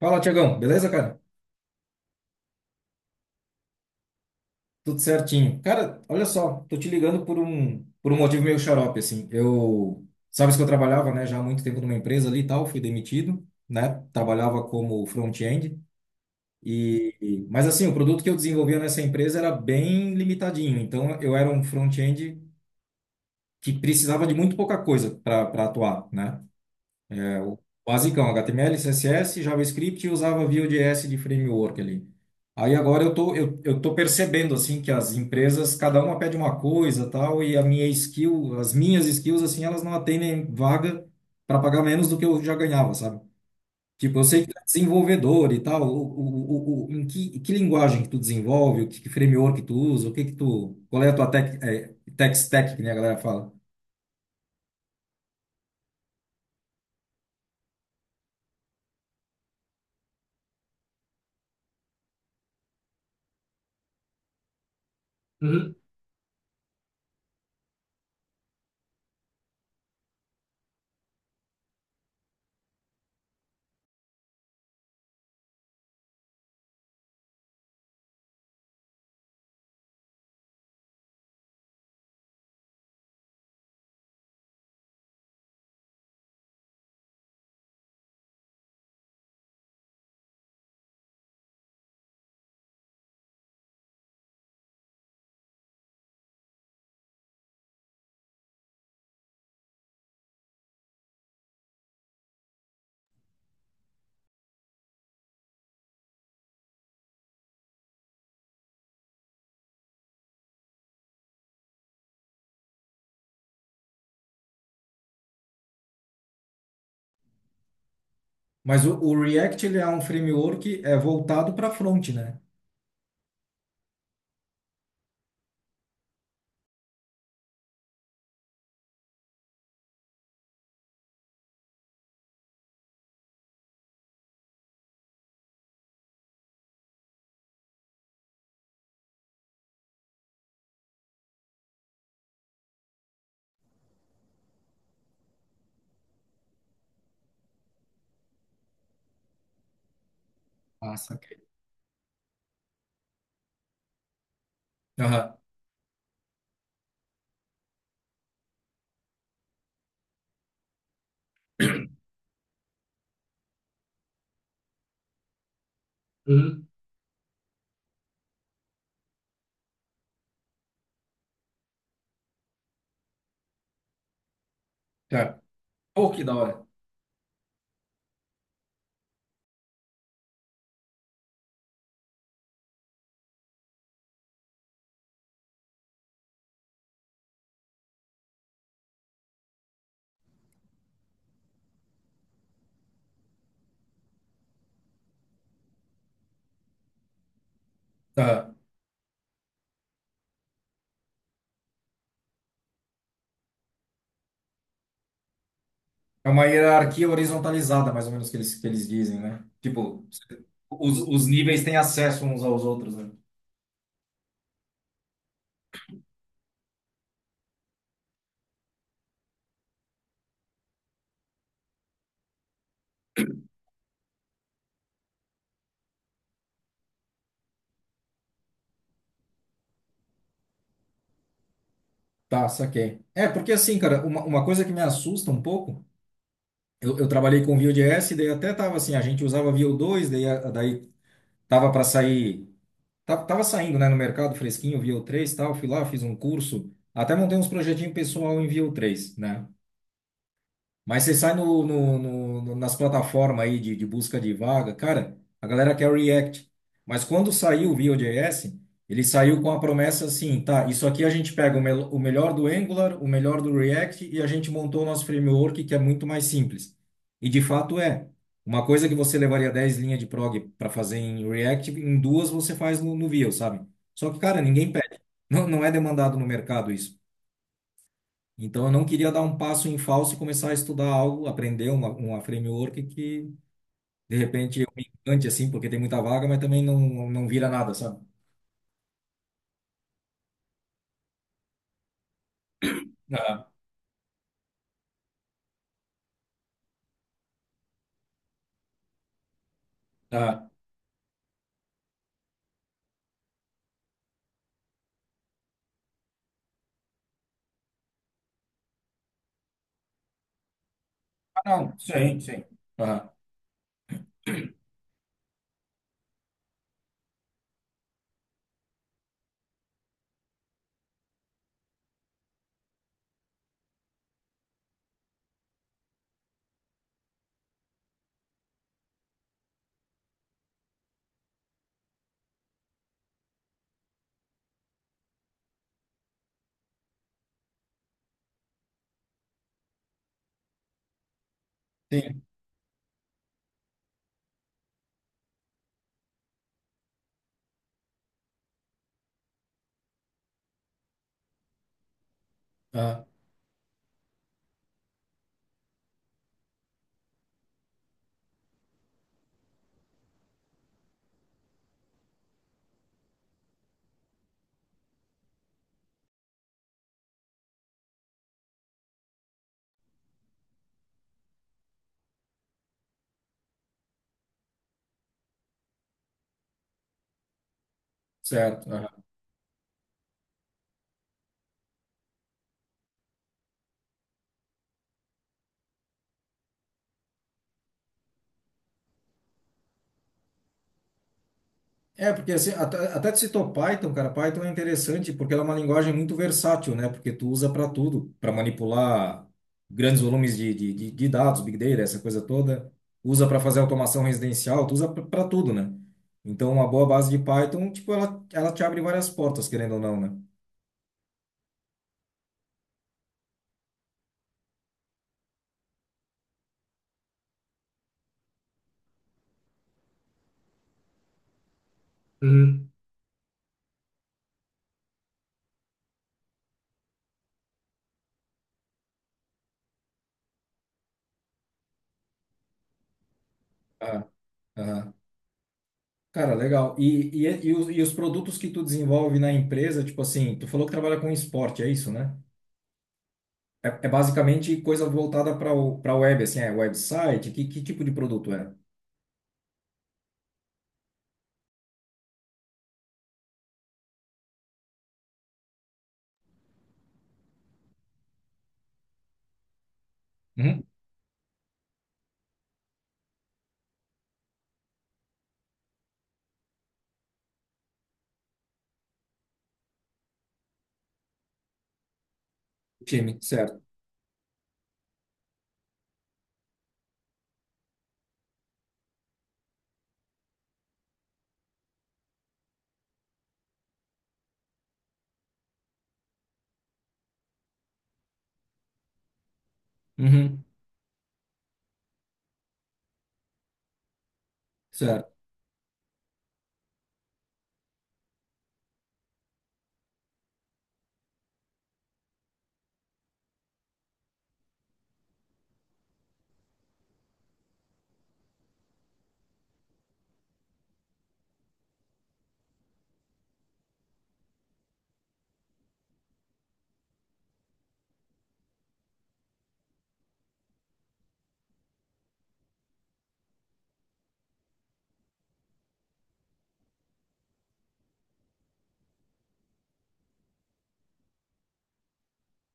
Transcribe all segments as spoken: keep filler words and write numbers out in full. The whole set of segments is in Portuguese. Fala, Tiagão. Beleza, cara? Tudo certinho. Cara, olha só, tô te ligando por um, por um motivo meio xarope, assim. Eu, sabes que eu trabalhava, né, já há muito tempo numa empresa ali e tal, fui demitido, né? Trabalhava como front-end e, e- mas assim, o produto que eu desenvolvia nessa empresa era bem limitadinho. Então, eu era um front-end que precisava de muito pouca coisa para para atuar, né? É, o Basicão, H T M L, C S S, JavaScript e usava Vue.js de framework ali. Aí agora eu tô, eu, eu tô percebendo, assim, que as empresas, cada uma pede uma coisa, tal, e a minha skill, as minhas skills, assim, elas não atendem vaga para pagar menos do que eu já ganhava, sabe? Tipo, eu sei que tu é desenvolvedor e tal, o, o, o, o- em que, que linguagem que tu desenvolve, o que, que framework que tu usa, o que que tu, qual é a tua tech, é, tech stack, que nem a galera fala. Mas o, o React, ele é um framework é voltado para front, né? Ah, saquei. Aham. Uhum. Tá. Pô, que da hora. Tá. É uma hierarquia horizontalizada, mais ou menos, que eles, que eles dizem, né? Tipo, os, os níveis têm acesso uns aos outros, né? Tá, saquei. É, porque assim, cara, uma, uma coisa que me assusta um pouco, eu, eu trabalhei com Vue Vue.js, daí até tava assim, a gente usava Vue dois daí, a- daí tava para sair, tava, tava saindo, né, no mercado fresquinho, Vue três e tal, fui lá, fiz um curso, até montei uns projetinhos pessoal em Vue três, né? Mas você sai no, no- no- no- nas plataformas aí de, de busca de vaga, cara, a galera quer React. Mas quando saiu o Vue.js, ele saiu com a promessa assim, tá, isso aqui a gente pega o, mel- o melhor do Angular, o melhor do React e a gente montou o nosso framework que é muito mais simples. E de fato é. Uma coisa que você levaria dez linhas de prog para fazer em React, em duas você faz no, no Vue, sabe? Só que, cara, ninguém pede. Não, não é demandado no mercado isso. Então, eu não queria dar um passo em falso e começar a estudar algo, aprender uma, uma framework que, de repente, eu me encante, assim, porque tem muita vaga, mas também não, não vira nada, sabe? Ah, ah, ah, não, sim, sim. Aham. Sim. Aham. Certo. É, porque assim, até, até tu citou Python, cara, Python é interessante porque ela é uma linguagem muito versátil, né? Porque tu usa para tudo, para manipular grandes volumes de, de, de- de dados, Big Data, essa coisa toda. Usa para fazer automação residencial, tu usa para tudo, né? Então, uma boa base de Python, tipo, ela, ela te abre várias portas, querendo ou não, né? Uhum. Ah, aham. Cara, legal. E, e, e, os, e os produtos que tu desenvolve na empresa, tipo assim, tu falou que trabalha com esporte, é isso, né? É, é basicamente coisa voltada para o, para web, assim, é website? Que, que tipo de produto é? Uhum. Time, certo. Uhum. Certo,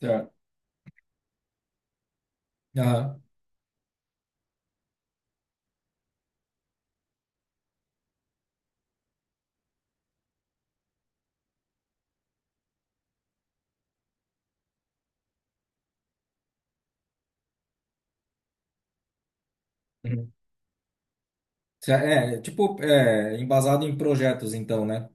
certo. Aham. Uhum. Cer- É, é tipo, é, embasado em projetos, então, né?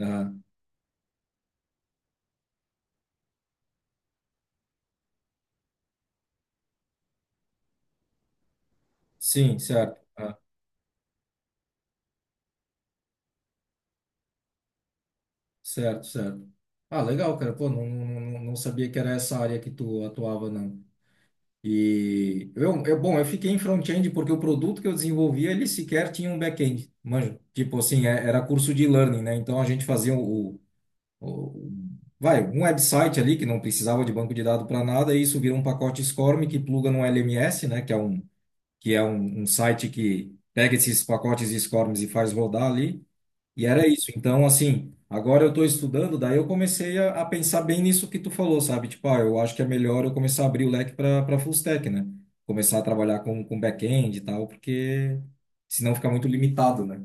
Aham. Sim, certo. Ah, certo, certo. Ah, legal, cara. Pô, não, não, não não sabia que era essa área que tu atuava, não. E eu, eu, bom, eu fiquei em front-end porque o produto que eu desenvolvia, ele sequer tinha um back-end. Manja, tipo assim, é- era curso de learning, né? Então a gente fazia o, o- vai, um website ali que não precisava de banco de dados para nada, e isso vira um pacote SCORM que pluga no L M S, né, que é um, que é um, um site que pega esses pacotes SCORMs e faz rodar ali, e era isso. Então, assim, agora eu estou estudando, daí eu comecei a, a pensar bem nisso que tu falou, sabe? Tipo, ah, eu acho que é melhor eu começar a abrir o leque para para full stack, né? Começar a trabalhar com, com back-end e tal, porque senão fica muito limitado, né?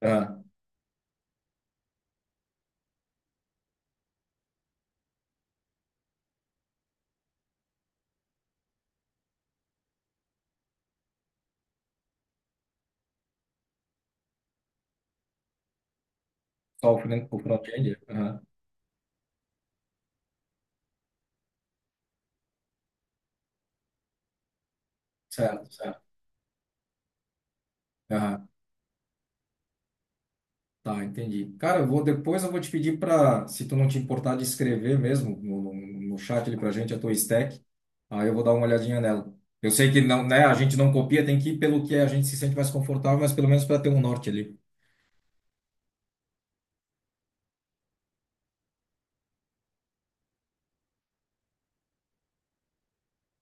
Ah, só o front- o front-end? Aham, certo, certo. Aham. Tá, entendi. Cara, eu vou depois eu vou te pedir para, se tu não te importar de escrever mesmo no, no, no chat ali pra gente a tua stack, aí eu vou dar uma olhadinha nela. Eu sei que não, né, a gente não copia, tem que ir pelo que a gente se sente mais confortável, mas pelo menos para ter um norte ali.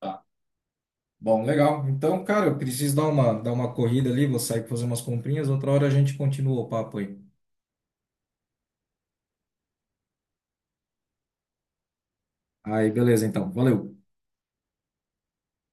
Tá. Bom, legal. Então, cara, eu preciso dar uma, dar uma corrida ali, vou sair pra fazer umas comprinhas, outra hora a gente continua o papo aí. Aí, beleza, então. Valeu.